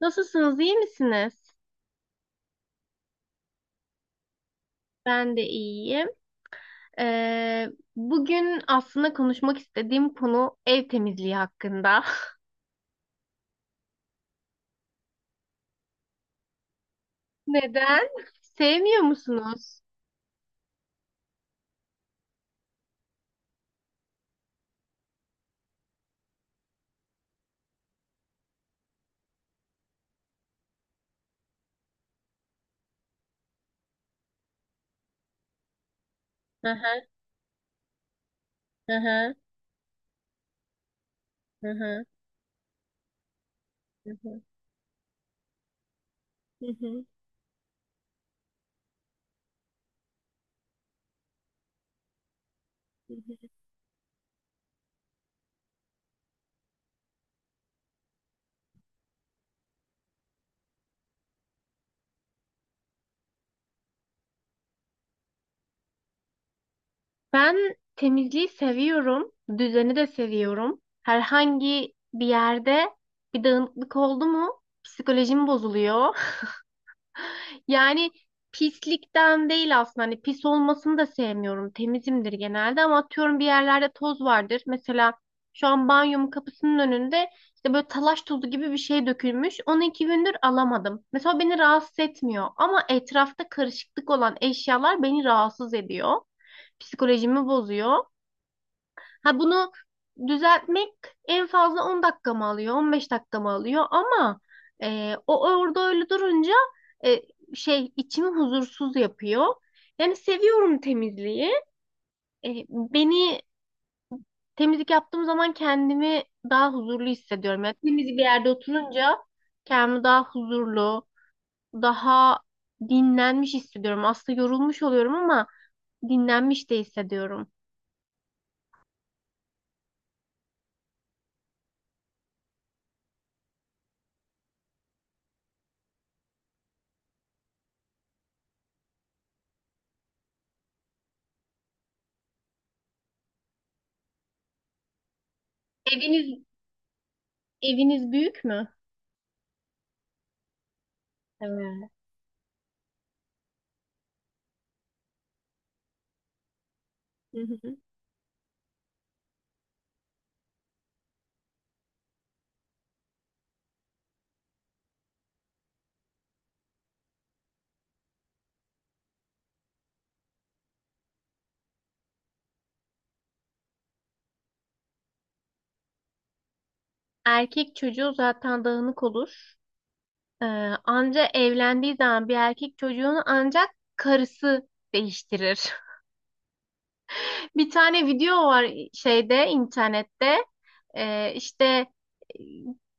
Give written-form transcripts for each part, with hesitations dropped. Nasılsınız, iyi misiniz? Ben de iyiyim. Ee, bugün aslında konuşmak istediğim konu ev temizliği hakkında. Neden? Sevmiyor musunuz? Hı hı, hı hı, hı hı, hı hı, hı hı. Hı hı. Ben temizliği seviyorum, düzeni de seviyorum. Herhangi bir yerde bir dağınıklık oldu mu psikolojim bozuluyor. Yani pislikten değil aslında. Hani pis olmasını da sevmiyorum. Temizimdir genelde ama atıyorum bir yerlerde toz vardır. Mesela şu an banyomun kapısının önünde işte böyle talaş tozu gibi bir şey dökülmüş. Onu 2 gündür alamadım. Mesela beni rahatsız etmiyor ama etrafta karışıklık olan eşyalar beni rahatsız ediyor. Psikolojimi bozuyor. Ha bunu düzeltmek en fazla 10 dakika mı alıyor, 15 dakika mı alıyor ama o orada öyle durunca e, şey içimi huzursuz yapıyor. Yani seviyorum temizliği. Beni temizlik yaptığım zaman kendimi daha huzurlu hissediyorum. Yani temiz bir yerde oturunca kendimi daha huzurlu, daha dinlenmiş hissediyorum. Aslında yorulmuş oluyorum ama dinlenmiş de hissediyorum. Eviniz eviniz büyük mü? Evet. Erkek çocuğu zaten dağınık olur. Ee, anca evlendiği zaman bir erkek çocuğunu ancak karısı değiştirir. Bir tane video var şeyde internette. İşte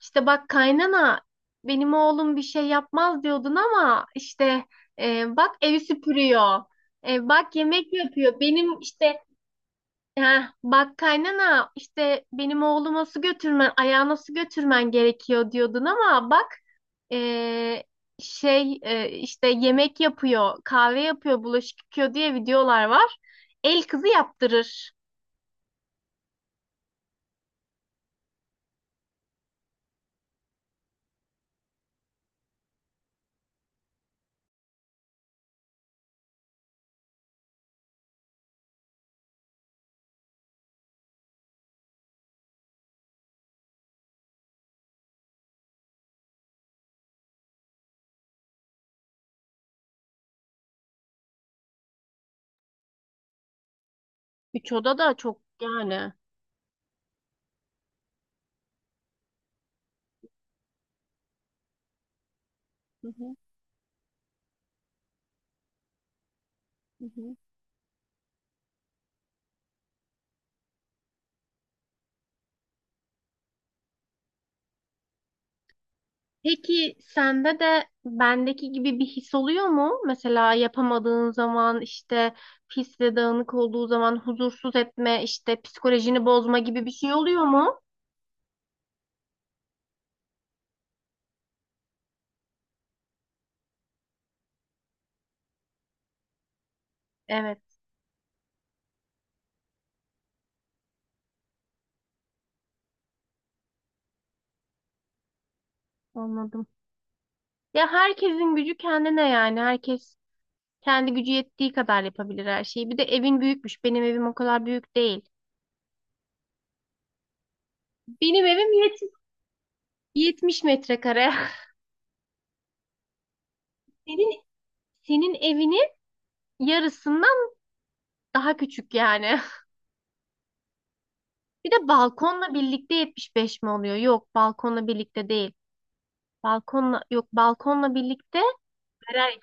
işte bak kaynana benim oğlum bir şey yapmaz diyordun ama işte bak evi süpürüyor. Bak yemek yapıyor. Benim işte Heh, bak kaynana işte benim oğluma su götürmen, ayağına su götürmen gerekiyor diyordun ama bak eee, işte yemek yapıyor, kahve yapıyor, bulaşık yıkıyor diye videolar var. El kızı yaptırır. Üç oda da çok yani. Hı hı, hı hı. Peki sende de bendeki gibi bir his oluyor mu? Mesela yapamadığın zaman işte pis ve dağınık olduğu zaman huzursuz etme, işte psikolojini bozma gibi bir şey oluyor mu? Evet. Anladım. Ya herkesin gücü kendine yani. Herkes kendi gücü yettiği kadar yapabilir her şeyi. Bir de evin büyükmüş. Benim evim o kadar büyük değil. Benim evim 70 metrekare. Senin senin evinin yarısından daha küçük yani. Bir de balkonla birlikte 75 mi oluyor? Yok, balkonla birlikte değil. Balkonla yok, balkonla birlikte Karar-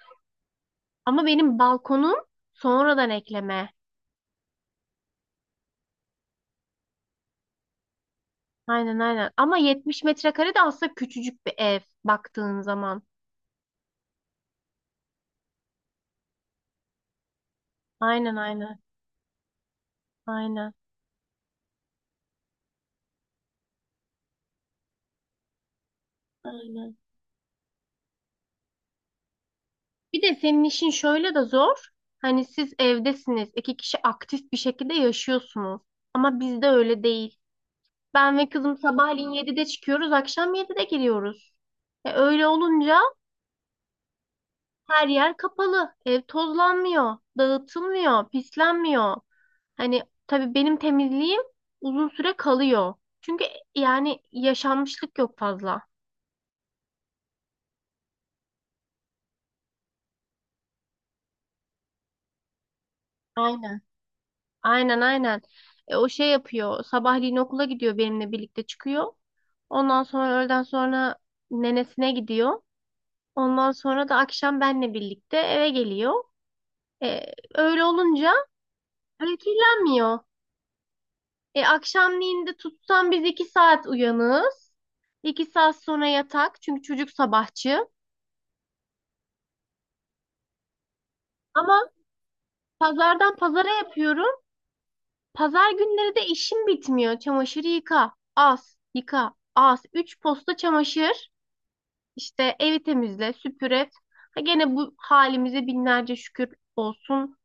ama benim balkonum sonradan ekleme. Aynen aynen. Ama 70 metrekare de aslında küçücük bir ev baktığın zaman. Aynen aynen. Aynen. Aynen. Bir de senin işin şöyle de zor. Hani siz evdesiniz. İki kişi aktif bir şekilde yaşıyorsunuz. Ama bizde öyle değil. Ben ve kızım sabahleyin 7'de çıkıyoruz, akşam 7'de giriyoruz. Öyle olunca her yer kapalı. Ev tozlanmıyor, dağıtılmıyor, pislenmiyor. Hani tabii benim temizliğim uzun süre kalıyor. Çünkü yani yaşanmışlık yok fazla. Aynen aynen. O şey yapıyor. Sabahleyin okula gidiyor benimle birlikte çıkıyor. Ondan sonra öğleden sonra nenesine gidiyor. Ondan sonra da akşam benle birlikte eve geliyor. Öyle olunca öykülenmiyor. Akşamleyin de tutsam biz 2 saat uyanığız. 2 saat sonra yatak. Çünkü çocuk sabahçı. Ama pazardan pazara yapıyorum. Pazar günleri de işim bitmiyor. Çamaşırı yıka. As. Yıka. As. Üç posta çamaşır. İşte evi temizle, süpür et. Ha gene bu halimize binlerce şükür olsun.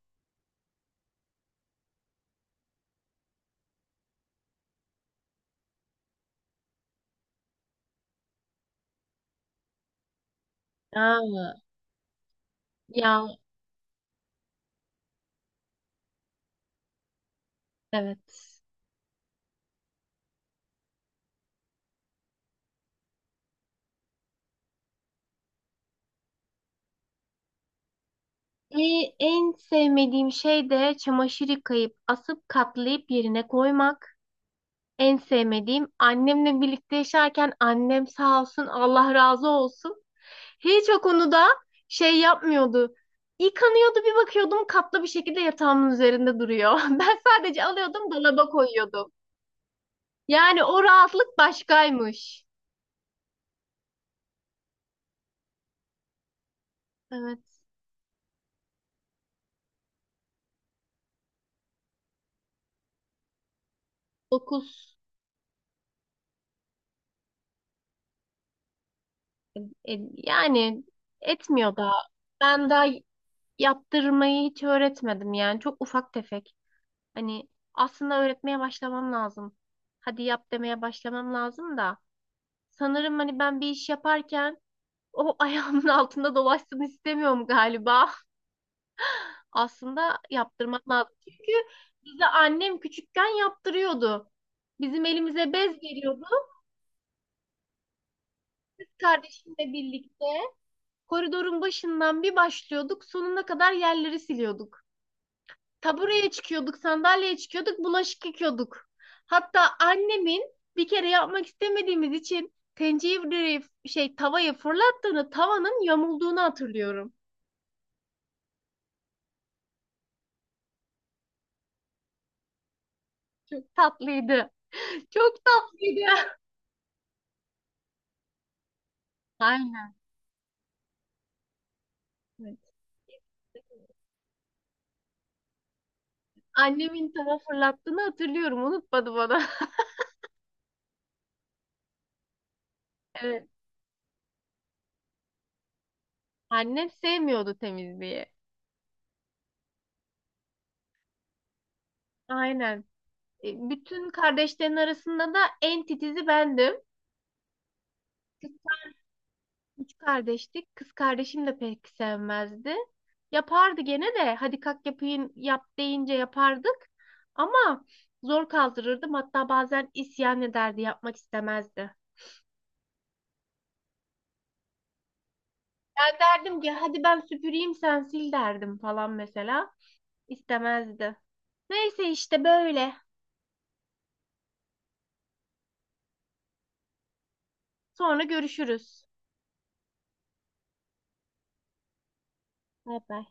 Ha, ya evet. E, en sevmediğim şey de çamaşır yıkayıp asıp katlayıp yerine koymak. En sevmediğim annemle birlikte yaşarken annem sağ olsun Allah razı olsun. Hiç o konuda şey yapmıyordu. Yıkanıyordu bir bakıyordum katlı bir şekilde yatağımın üzerinde duruyor. Ben sadece alıyordum dolaba koyuyordum. Yani o rahatlık başkaymış. Evet. 9. Yani etmiyor da ben daha yaptırmayı hiç öğretmedim yani çok ufak tefek. Hani aslında öğretmeye başlamam lazım. Hadi yap demeye başlamam lazım da sanırım hani ben bir iş yaparken o ayağımın altında dolaşsın istemiyorum galiba. Aslında yaptırmak lazım. Çünkü bize annem küçükken yaptırıyordu. Bizim elimize bez veriyordu kardeşimle birlikte. Koridorun başından bir başlıyorduk, sonuna kadar yerleri siliyorduk. Tabureye çıkıyorduk, sandalyeye çıkıyorduk, bulaşık yıkıyorduk. Hatta annemin bir kere yapmak istemediğimiz için tencereyi şey tavaya fırlattığını, tavanın yamulduğunu hatırlıyorum. Çok tatlıydı. Çok tatlıydı. Aynen. Evet. Annemin tava fırlattığını hatırlıyorum. Unutmadı bana. Evet. Annem sevmiyordu temizliği. Aynen. Bütün kardeşlerin arasında da en titizi bendim. Üç kardeştik. Kız kardeşim de pek sevmezdi. Yapardı gene de hadi kalk yapayım yap deyince yapardık. Ama zor kaldırırdım. Hatta bazen isyan ederdi, yapmak istemezdi. Derdim ki hadi ben süpüreyim sen sil derdim falan mesela. İstemezdi. Neyse işte böyle. Sonra görüşürüz. Bay bay.